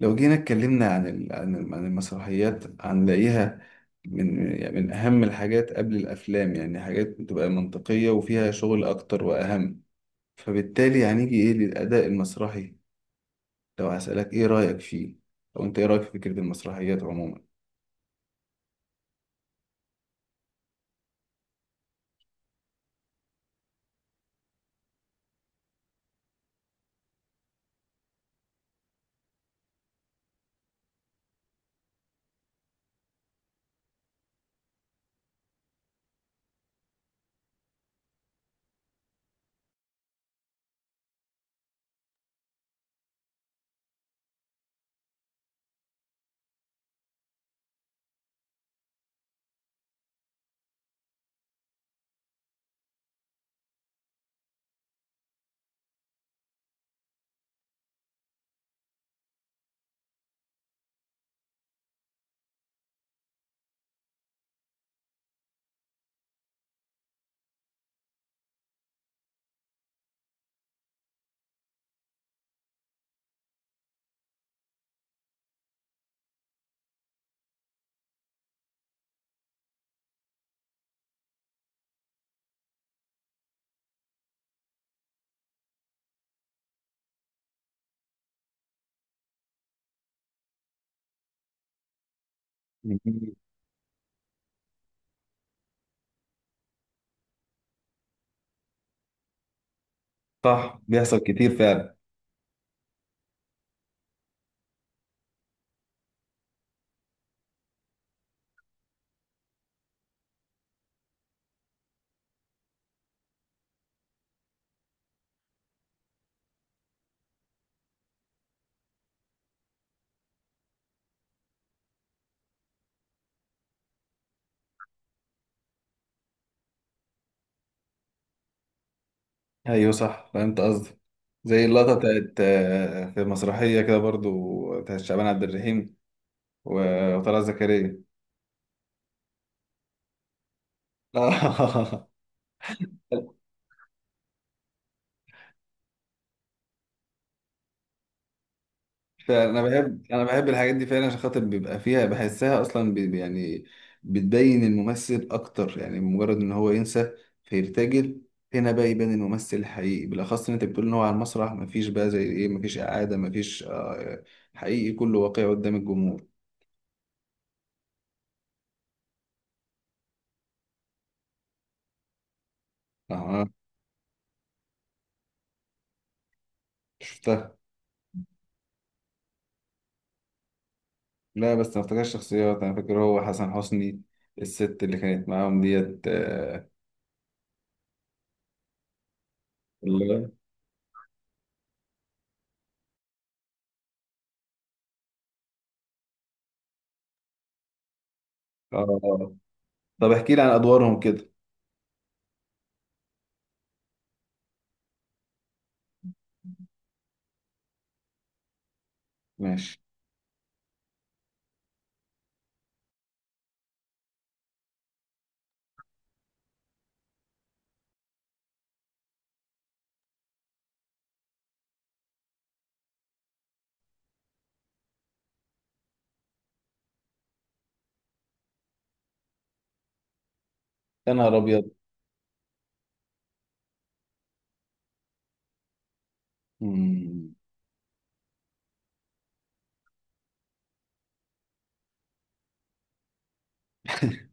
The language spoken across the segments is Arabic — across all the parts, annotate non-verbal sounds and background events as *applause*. لو جينا اتكلمنا عن المسرحيات، هنلاقيها من أهم الحاجات قبل الأفلام، يعني حاجات بتبقى منطقية وفيها شغل أكتر وأهم. فبالتالي هنيجي إيه للأداء المسرحي؟ لو هسألك إيه رأيك فيه؟ أو أنت إيه رأيك في فكرة المسرحيات عموما؟ *laughs* مم. صح، بيحصل كتير فعلا. أيوه صح، فهمت قصدي. زي اللقطة بتاعت في مسرحية كده برضو بتاعت شعبان عبد الرحيم وطلعت زكريا. *laughs* انا بحب الحاجات دي فعلا، عشان خاطر بيبقى فيها، بحسها اصلا يعني بتبين الممثل اكتر، يعني مجرد ان هو ينسى فيرتجل. هنا بقى يبان الممثل الحقيقي، بالاخص ان انت بتقول ان هو على المسرح مفيش بقى زي ايه، مفيش اعاده، مفيش. حقيقي كله واقعي قدام الجمهور. اها. شفتها. لا بس ما افتكرش شخصيات، انا فاكر هو حسن حسني، الست اللي كانت معاهم ديت. اللي- اه، طب احكي لي عن ادوارهم كده. ماشي. يا نهار ابيض. مم. *laughs*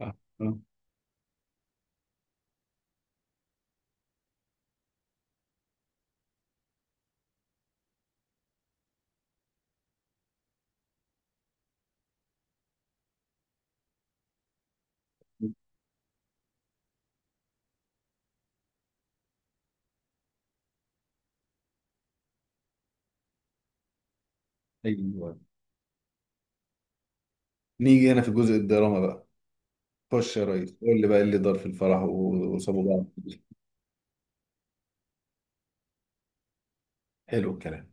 آه، آه. ايوه، نيجي هنا في جزء الدراما بقى. خش يا ريس قول لي بقى إيه اللي دار في الفرح وسابوا بعض. حلو الكلام.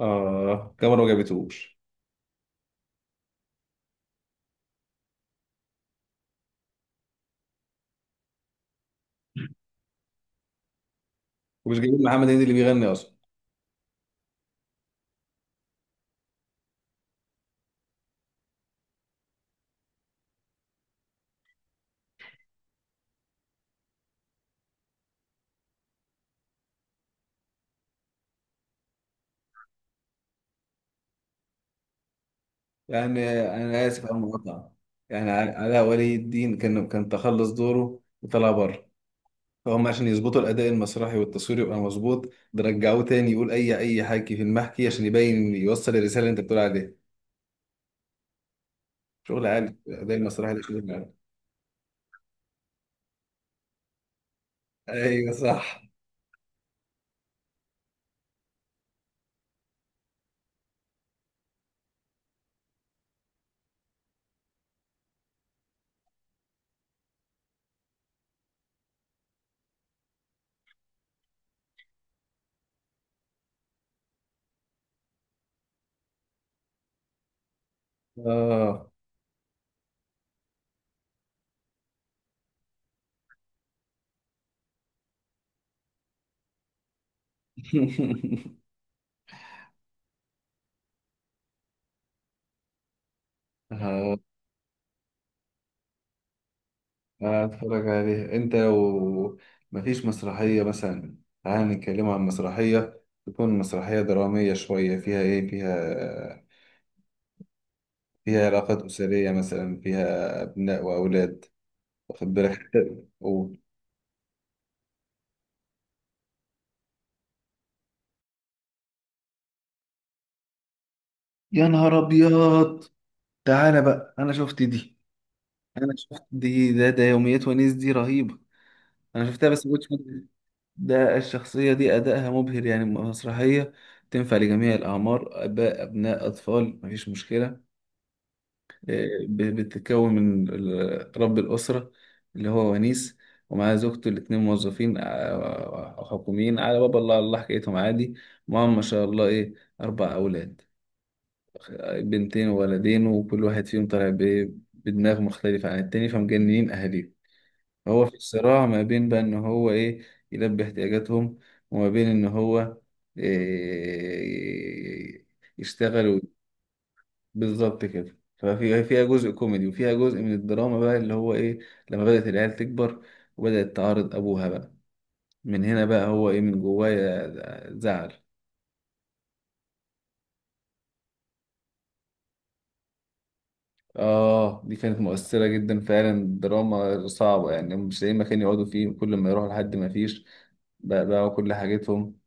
اه، كاميرا ما جابتهوش. ومش جايبين محمد هنيدي اللي بيغني اصلا. يعني انا اسف على المقاطعه، يعني علاء ولي الدين كان تخلص دوره وطلع بره، فهم عشان يظبطوا الاداء المسرحي والتصوير يبقى مظبوط، ده رجعوه تاني يقول اي حكي في المحكي عشان يبين يوصل الرساله اللي انت بتقول عليها. شغل عالي، الاداء المسرحي ده شغل عالي. ايوه صح. اه. *laughs* ه- هتفرج عليها انت لو مفيش مسرحية مثلا. تعال نتكلم عن مسرحية، تكون مسرحية درامية شوية، فيها علاقات أسرية مثلا، فيها أبناء وأولاد، واخد بالك؟ *laughs* و- يا نهار أبيض. تعالى بقى أنا شفت دي. أنا شفت دي، ده يوميات ونيس، دي رهيبة. أنا شفتها بس ما كنتش. ده الشخصية دي أدائها مبهر، يعني مسرحية تنفع لجميع الأعمار، آباء أبناء أطفال، مفيش مشكلة. بتتكون من رب الأسرة اللي هو ونيس، ومعاه زوجته، الاتنين موظفين، حكوميين على باب الله، على الله حكايتهم عادي. معاهم ما شاء الله إيه، 4 أولاد، بنتين وولدين، وكل واحد فيهم طالع بدماغ مختلفة عن التاني، فمجننين أهاليهم. هو في صراع ما بين بقى ان هو ايه، يلبي احتياجاتهم، وما بين ان هو إيه، يشتغل. بالظبط كده. فيها جزء كوميدي وفيها جزء من الدراما بقى اللي هو ايه، لما بدأت العيال تكبر وبدأت تعارض ابوها بقى. من هنا بقى هو ايه، من جوايا، زعل. اه، دي كانت مؤثرة جدا فعلا، دراما صعبة، يعني مش لاقيين مكان يقعدوا فيه، كل ما يروحوا لحد ما فيش بقى كل حاجتهم.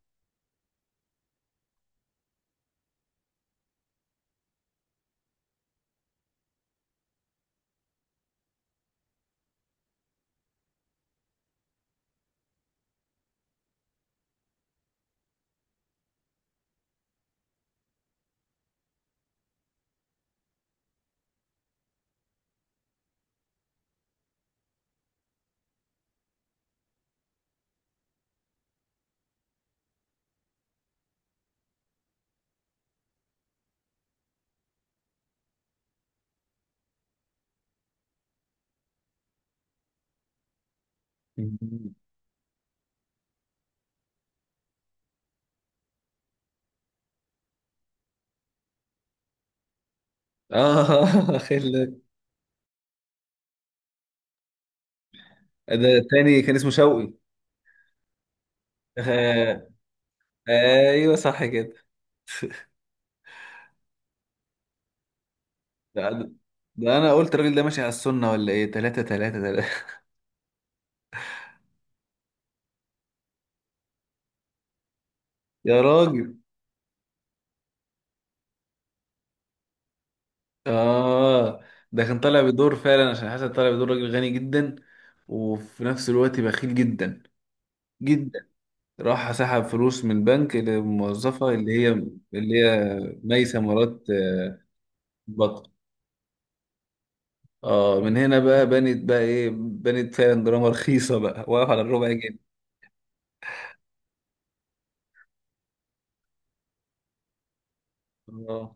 *laughs* اه. *laughs* ده التاني كان اسمه شوقي. آه، ايوه صح كده. *laughs* ده. ده انا قلت الراجل ده ماشي على السنه ولا ايه، تلاتة تلاتة تلاتة. *laughs* يا راجل. اه، ده كان طالع بدور فعلا، عشان حسن طالع بدور راجل غني جدا وفي نفس الوقت بخيل جدا جدا. راح سحب فلوس من بنك، للموظفة اللي هي ميسة مرات. بطل. اه، من هنا بقى بنت بقى ايه، بنت فعلا دراما رخيصة بقى، واقف على الربع جنيه. اه،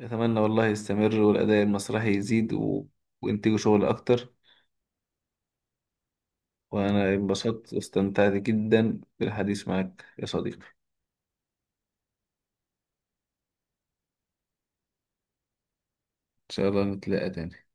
أتمنى والله يستمر، والأداء المسرحي يزيد و... وإنتجوا شغل أكتر. وأنا انبسطت واستمتعت جدا بالحديث معك يا صديقي، إن شاء الله نتلاقى تاني.